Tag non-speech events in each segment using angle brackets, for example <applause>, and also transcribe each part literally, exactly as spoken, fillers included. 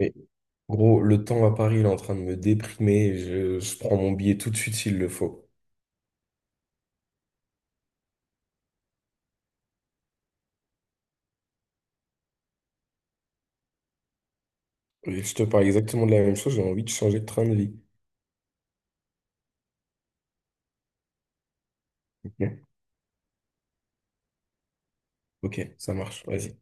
Mais gros, le temps à Paris, il est en train de me déprimer. Je, je prends mon billet tout de suite s'il le faut. Et je te parle exactement de la même chose, j'ai envie de changer de train de vie. <laughs> Ok, ok, ça marche, vas-y.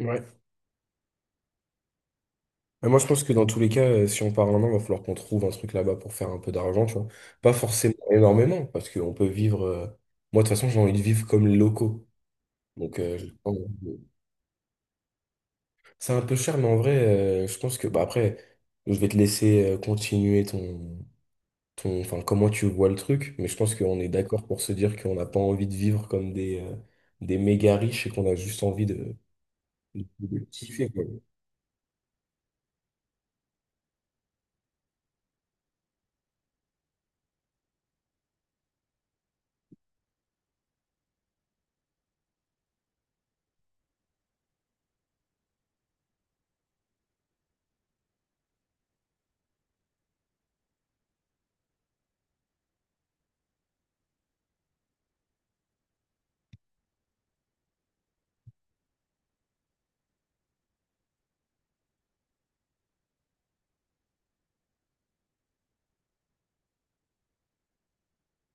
Ouais. Mais moi, je pense que dans tous les cas, euh, si on part un an, il va falloir qu'on trouve un truc là-bas pour faire un peu d'argent, tu vois. Pas forcément énormément, parce qu'on peut vivre. euh, Moi, de toute façon, j'ai envie de vivre comme les locaux. Donc, euh, j'ai pas envie de- c'est un peu cher, mais en vrai, euh, je pense que. Bah, après, je vais te laisser euh, continuer ton. Ton, enfin, comment tu vois le truc, mais je pense qu'on est d'accord pour se dire qu'on n'a pas envie de vivre comme des, euh, des méga riches et qu'on a juste envie de, de, de kiffer, quoi.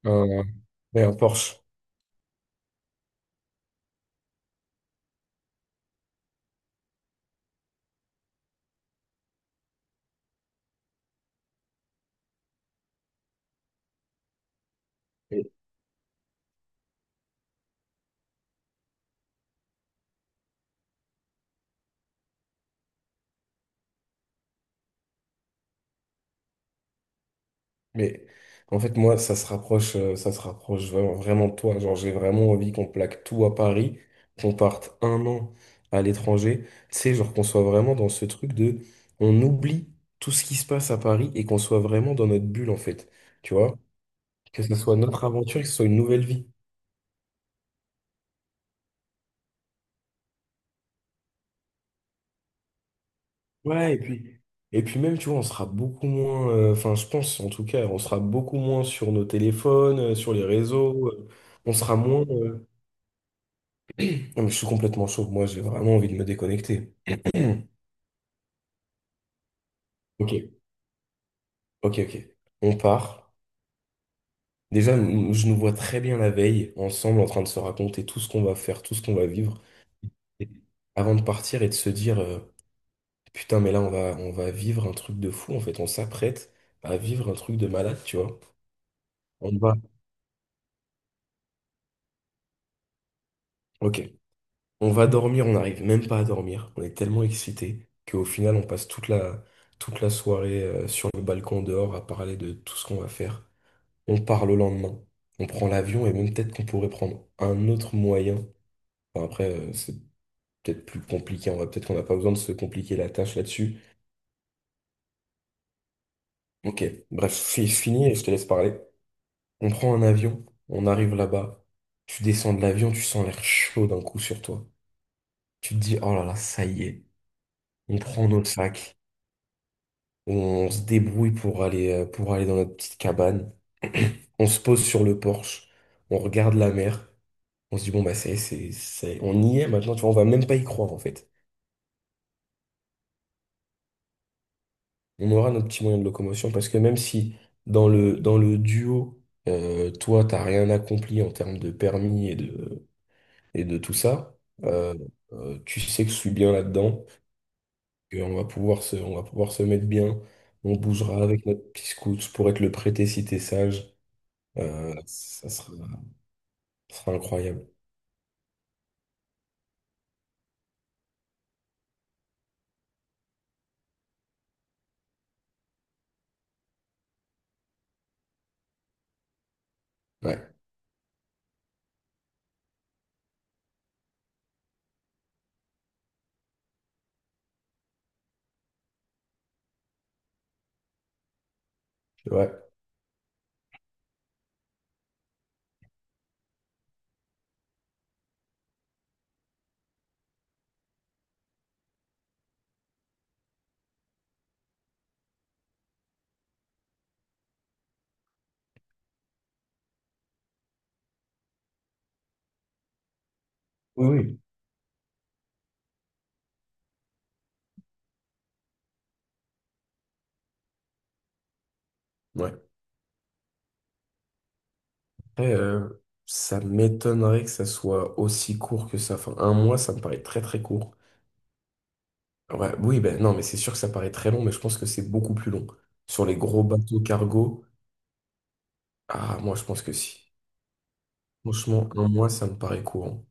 Un, ouais, un Porsche. Mais, mais en fait, moi, ça se rapproche, euh, ça se rapproche vraiment, vraiment de toi. Genre, j'ai vraiment envie qu'on plaque tout à Paris, qu'on parte un an à l'étranger. Tu sais, genre qu'on soit vraiment dans ce truc de, on oublie tout ce qui se passe à Paris et qu'on soit vraiment dans notre bulle, en fait. Tu vois? Que ce soit notre aventure, que ce soit une nouvelle vie. Ouais, et puis, et puis même, tu vois, on sera beaucoup moins, euh, enfin, je pense en tout cas, on sera beaucoup moins sur nos téléphones, euh, sur les réseaux, euh, on sera moins. euh, Non, mais je suis complètement chaud, moi, j'ai vraiment envie de me déconnecter. <clears throat> Ok, ok, ok. On part. Déjà, nous- je nous vois très bien la veille, ensemble, en train de se raconter tout ce qu'on va faire, tout ce qu'on va vivre, et avant de partir et de se dire, euh, putain, mais là, on va, on va vivre un truc de fou, en fait, on s'apprête à vivre un truc de malade, tu vois. On va. Ok. On va dormir, on n'arrive même pas à dormir. On est tellement excités qu'au final, on passe toute la, toute la soirée euh, sur le balcon dehors à parler de tout ce qu'on va faire. On part le lendemain. On prend l'avion et même peut-être qu'on pourrait prendre un autre moyen. Enfin, après, euh, c'est peut-être plus compliqué. On va peut-être qu'on n'a pas besoin de se compliquer la tâche là-dessus. Ok, bref, fi- fini et je te laisse parler. On prend un avion, on arrive là-bas. Tu descends de l'avion, tu sens l'air chaud d'un coup sur toi. Tu te dis, oh là là, ça y est. On prend notre sac. On se débrouille pour aller, euh, pour aller dans notre petite cabane. <clears throat> On se pose sur le porche. On regarde la mer. On se dit, bon, bah, c'est, c'est, c'est- on y est maintenant. Tu vois, on va même pas y croire, en fait. On aura notre petit moyen de locomotion parce que même si dans le, dans le duo, euh, toi, t'as rien accompli en termes de permis et de, et de tout ça, euh, euh, tu sais que je suis bien là-dedans, que on va pouvoir se, on va pouvoir se mettre bien. On bougera avec notre petit scout pour être le prêté si t'es sage. Euh, ça sera, ça sera incroyable. Ouais, ouais. Oui, oui. Ouais. Après, euh, ça m'étonnerait que ça soit aussi court que ça. Enfin, un mois, ça me paraît très très court. Ouais, oui, ben non, mais c'est sûr que ça paraît très long, mais je pense que c'est beaucoup plus long. Sur les gros bateaux cargo, ah, moi, je pense que si. Franchement, un mois, ça me paraît courant.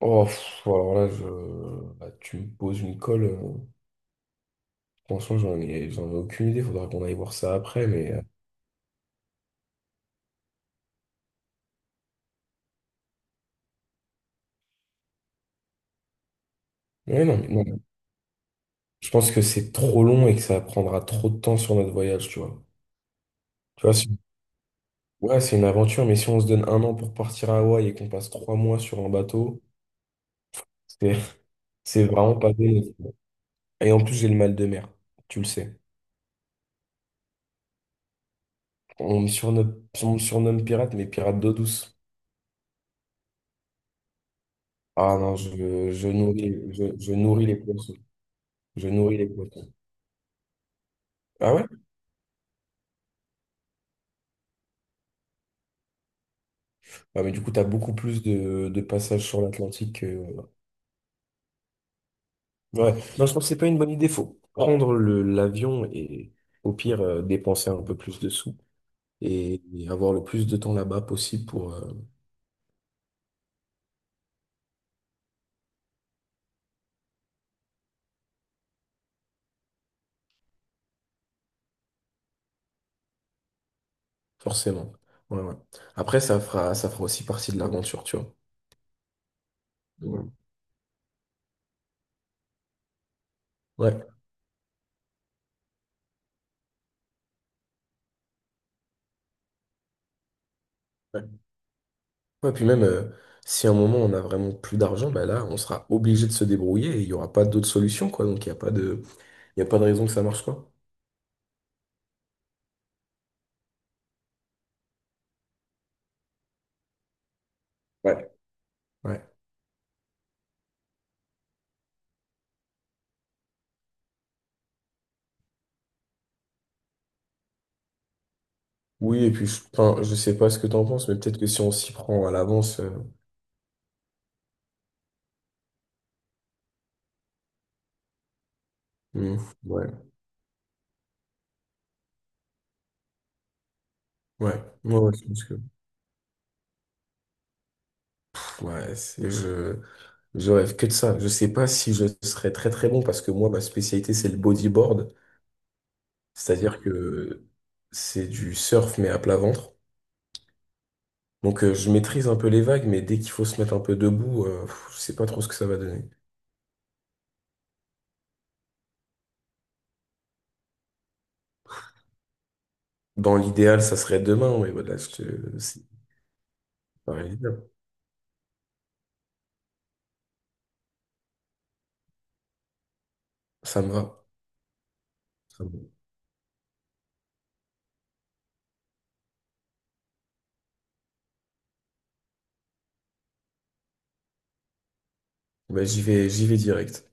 Oh, pff, alors là, je... là, tu me poses une colle. euh, Franchement, j'en ai... j'en ai aucune idée. Faudra qu'on aille voir ça après, mais. euh, ouais, non, mais non, je pense que c'est trop long et que ça prendra trop de temps sur notre voyage, tu vois. Tu vois, si- ouais, c'est une aventure, mais si on se donne un an pour partir à Hawaï et qu'on passe trois mois sur un bateau, c'est <laughs> c'est vraiment pas bon. Et en plus, j'ai le mal de mer, tu le sais. On me surnomme, on me surnomme pirate, mais pirate d'eau douce. Ah non, je, je nourris, je, je nourris les poissons. Je nourris les poissons. Ah ouais? Ah, mais du coup, t'as beaucoup plus de, de passages sur l'Atlantique. Ouais. Non, je pense que c'est pas une bonne idée. Faut prendre le- l'avion et au pire euh, dépenser un peu plus de sous et, et avoir le plus de temps là-bas possible pour euh, forcément. Ouais, ouais. Après, ça fera ça fera aussi partie de l'aventure, tu vois. Ouais. Ouais. Ouais. Ouais, puis même euh, si à un moment on a vraiment plus d'argent, bah là, on sera obligé de se débrouiller et il n'y aura pas d'autre solution, quoi. Donc il n'y a pas de il y a pas de raison que ça marche, quoi. Ouais. Ouais. Oui, et puis je, enfin, je sais pas ce que t'en penses, mais peut-être que si on s'y prend à l'avance, euh, hmm, ouais. Ouais, moi, ouais, ouais, je pense que ouais, c'est- je, je rêve que de ça. Je sais pas si je serais très très bon parce que moi, ma spécialité, c'est le bodyboard. C'est-à-dire que c'est du surf mais à plat ventre. Donc euh, je maîtrise un peu les vagues, mais dès qu'il faut se mettre un peu debout, euh, pff, je sais pas trop ce que ça va donner. Dans l'idéal, ça serait demain, mais voilà, je te- c'est pas réalisable. Ça me va. Ça me va. Bah, j'y vais, j'y vais direct.